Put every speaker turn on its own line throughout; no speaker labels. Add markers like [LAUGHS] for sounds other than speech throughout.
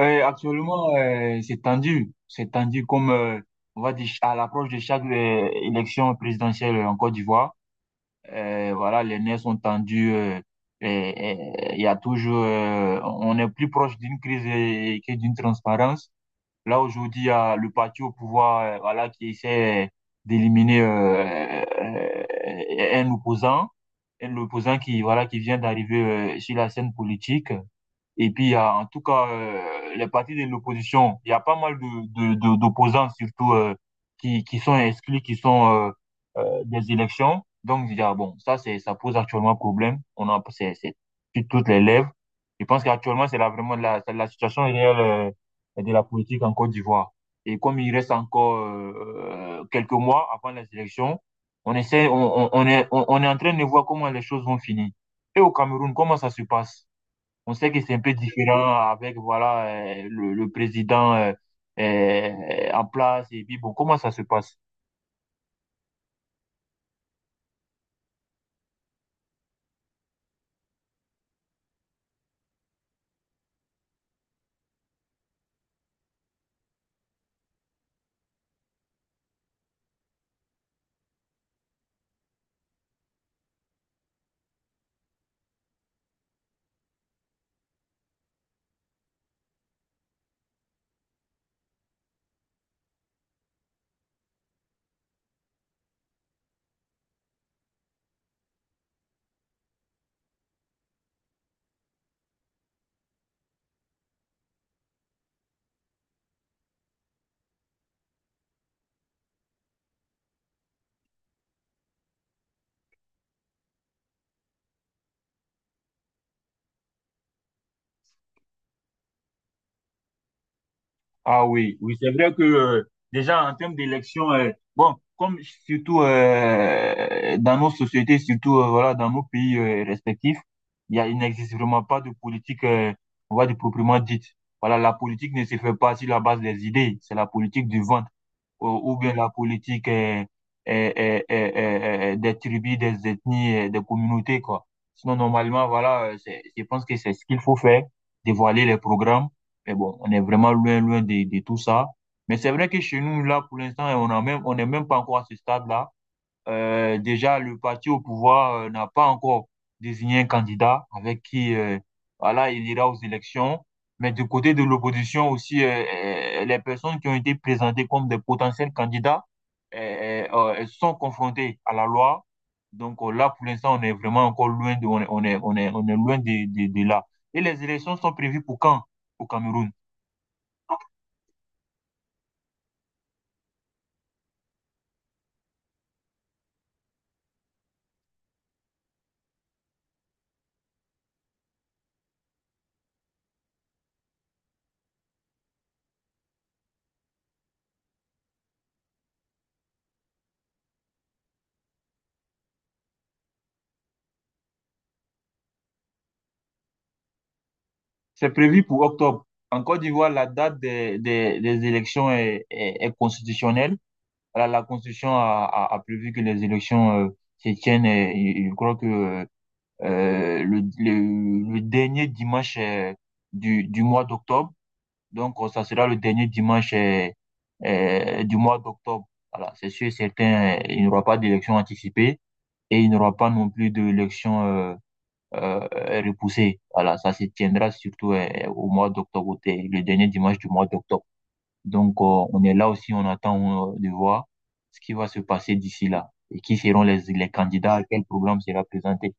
Actuellement, c'est tendu. C'est tendu comme, on va dire, à l'approche de chaque élection présidentielle en Côte d'Ivoire. Voilà, les nerfs sont tendus. Et, et il y a toujours, on est plus proche d'une crise que d'une transparence. Là, aujourd'hui, il y a le parti au pouvoir, voilà, qui essaie d'éliminer un opposant, un opposant qui, voilà, qui vient d'arriver sur la scène politique. Et puis, il y a, en tout cas, les partis de l'opposition, il y a pas mal d'opposants, surtout, qui sont exclus, qui sont des élections. Donc, il y a, bon, ça, ça pose actuellement problème. C'est sur toutes les lèvres. Je pense qu'actuellement, c'est là vraiment c'est la situation réelle de la politique en Côte d'Ivoire. Et comme il reste encore quelques mois avant les élections, on essaie, on est en train de voir comment les choses vont finir. Et au Cameroun, comment ça se passe? On sait que c'est un peu différent avec voilà le président en place et puis bon, comment ça se passe? Ah oui, oui, c'est vrai que déjà en termes d'élection, bon, comme surtout, dans nos sociétés, surtout, voilà, dans nos pays respectifs, il y a il n'existe vraiment pas de politique, on va dire, proprement dite. Voilà, la politique ne se fait pas sur la base des idées. C'est la politique du vent. Ou bien la politique est des tribus, des ethnies, des communautés, quoi. Sinon, normalement, voilà, je pense que c'est ce qu'il faut faire, dévoiler les programmes. Mais bon, on est vraiment loin, loin de tout ça. Mais c'est vrai que chez nous, là, pour l'instant, on n'est même pas encore à ce stade-là. Déjà, le parti au pouvoir n'a pas encore désigné un candidat avec qui, voilà, il ira aux élections. Mais du côté de l'opposition aussi, les personnes qui ont été présentées comme des potentiels candidats sont confrontées à la loi. Donc, là, pour l'instant, on est vraiment encore loin de, on est loin de là. Et les élections sont prévues pour quand? Au Cameroun. C'est prévu pour octobre. En Côte d'Ivoire, la date des élections est constitutionnelle. La Constitution a prévu que les élections, se tiennent, et je crois que, le dernier dimanche, du mois d'octobre. Donc, ça sera le dernier dimanche, du mois d'octobre. Voilà, c'est sûr et certain, il n'y aura pas d'élection anticipée et il n'y aura pas non plus d'élection euh, repoussée. Voilà, ça se tiendra surtout au mois d'octobre, le dernier dimanche du mois d'octobre. Donc, on est là aussi, on attend de voir ce qui va se passer d'ici là et qui seront les candidats, à quel programme sera présenté.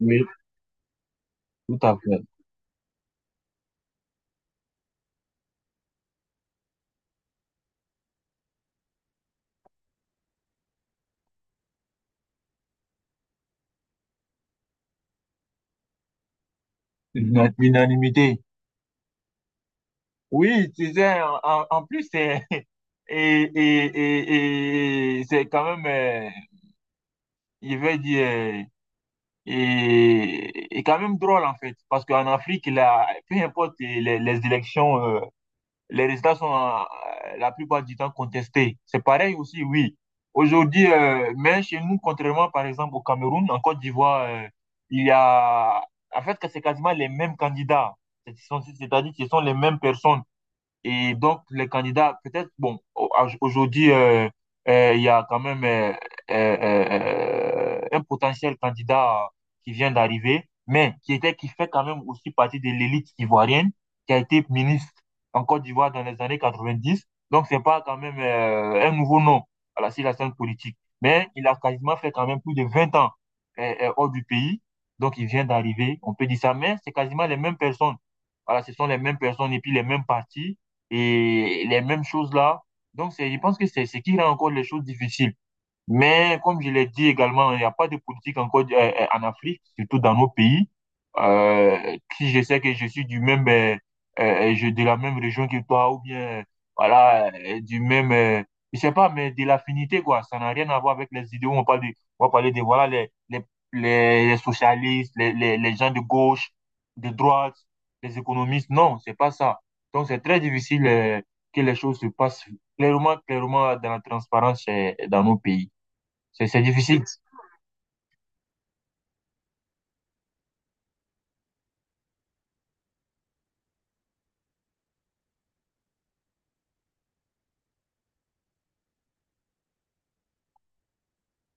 Oui, tout à fait. L'unanimité. Oui, tu sais, en plus, c'est, [LAUGHS] et c'est quand même, je vais dire, et quand même drôle en fait, parce qu'en Afrique, là, peu importe les élections, les résultats sont, la plupart du temps, contestés. C'est pareil aussi, oui. Aujourd'hui, mais chez nous, contrairement par exemple au Cameroun, en Côte d'Ivoire, il y a, en fait, que c'est quasiment les mêmes candidats. C'est- C'est-à-dire que ce sont les mêmes personnes. Et donc, les candidats, peut-être, bon, aujourd'hui, il y a quand même, un potentiel candidat qui vient d'arriver, mais qui fait quand même aussi partie de l'élite ivoirienne, qui a été ministre en Côte d'Ivoire dans les années 90. Donc, c'est pas quand même, un nouveau nom, sur la scène politique. Mais il a quasiment fait quand même plus de 20 ans, hors du pays. Donc, il vient d'arriver, on peut dire ça, mais c'est quasiment les mêmes personnes. Voilà, ce sont les mêmes personnes et puis les mêmes partis et les mêmes choses là. Donc, je pense que c'est ce qui rend encore les choses difficiles. Mais comme je l'ai dit également, il n'y a pas de politique encore, en Afrique, surtout dans nos pays. Si je sais que je suis du même, de la même région que toi, ou bien, voilà, du même, je sais pas, mais de l'affinité, quoi. Ça n'a rien à voir avec les idéaux. On va parler de, voilà, les socialistes, les gens de gauche, de droite, les économistes. Non, c'est pas ça. Donc, c'est très difficile, que les choses se passent clairement, clairement, dans la transparence, dans nos pays. C'est difficile.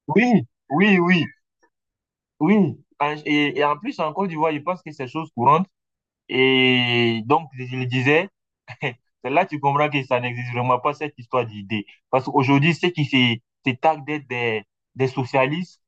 Oui, oui, oui, oui. Et en plus, en Côte d'Ivoire, je pense que c'est chose courante. Et donc, je le disais, [LAUGHS] c'est là que tu comprends que ça n'existe vraiment pas, cette histoire d'idée. Parce qu'aujourd'hui, ceux qui se targuent d'être des socialistes,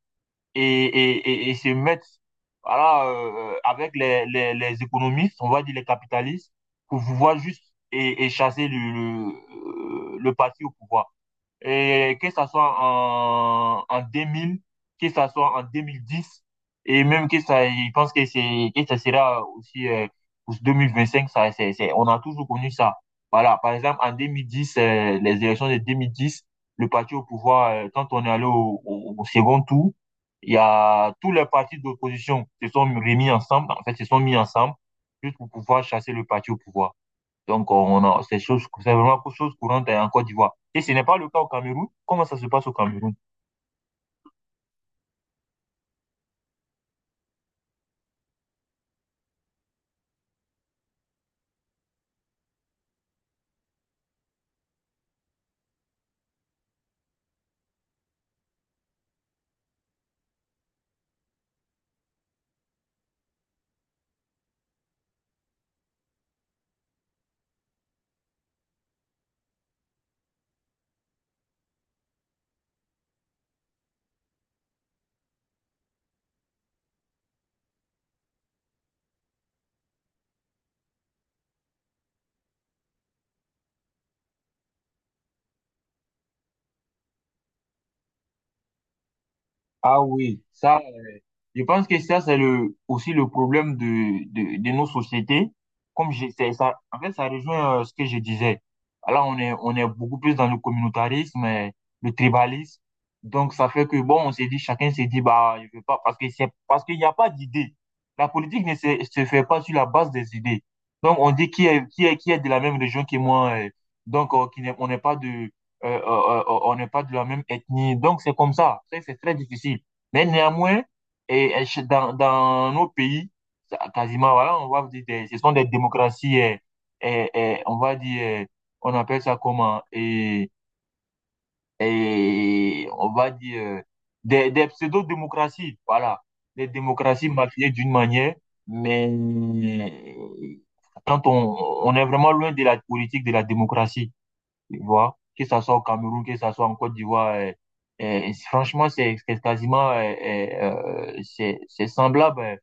et se mettent, voilà, avec les économistes, on va dire les capitalistes, pour pouvoir juste, et chasser le parti au pouvoir. Et que ça soit en 2000, que ça soit en 2010, et même que ça, je pense que que ça sera aussi, pour 2025, ça, c'est, on a toujours connu ça. Voilà, par exemple, en 2010, les élections de 2010, le parti au pouvoir, quand on est allé au second tour, il y a tous les partis d'opposition se sont remis ensemble, en fait, se sont mis ensemble, juste pour pouvoir chasser le parti au pouvoir. Donc, c'est vraiment chose courante, hein, en Côte d'Ivoire. Et ce n'est pas le cas au Cameroun. Comment ça se passe au Cameroun? Ah oui, ça. Je pense que ça, c'est aussi le problème de nos sociétés. C'est ça, en fait, ça rejoint, ce que je disais. Là, on est beaucoup plus dans le communautarisme et le tribalisme. Donc, ça fait que, bon, chacun s'est dit, bah, je veux pas, parce qu'il n'y a pas d'idée. La politique ne se fait pas sur la base des idées. Donc, on dit qui est de la même région que moi. Donc, qui n'est, on n'est pas de, on n'est pas de la même ethnie. Donc, c'est comme ça. C'est très difficile. Mais néanmoins, dans nos pays, quasiment, voilà, on va dire, ce sont des démocraties, on va dire, on appelle ça comment? Et on va dire, des pseudo-démocraties, voilà. Des démocraties maquillées d'une manière, mais quand on, on est vraiment loin de la politique de la démocratie, tu vois, que ça soit au Cameroun, que ça soit en Côte d'Ivoire, franchement, c'est quasiment, c'est semblable.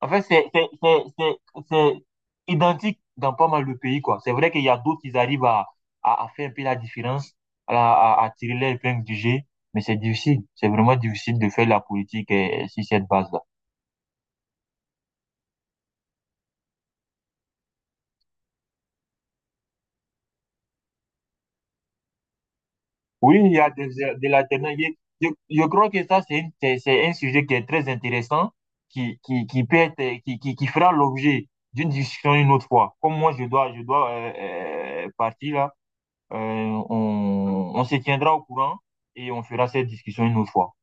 En fait, c'est identique dans pas mal de pays, quoi. C'est vrai qu'il y a d'autres qui arrivent à faire un peu la différence, à tirer les épingles du jeu, mais c'est difficile. C'est vraiment difficile de faire la politique, sur cette base-là. Oui, il y a de l'alternance. Je, je crois que ça, c'est c'est un sujet qui est très intéressant, qui peut être, qui fera l'objet d'une discussion une autre fois. Comme moi, je dois partir là. Euh, on se tiendra au courant et on fera cette discussion une autre fois.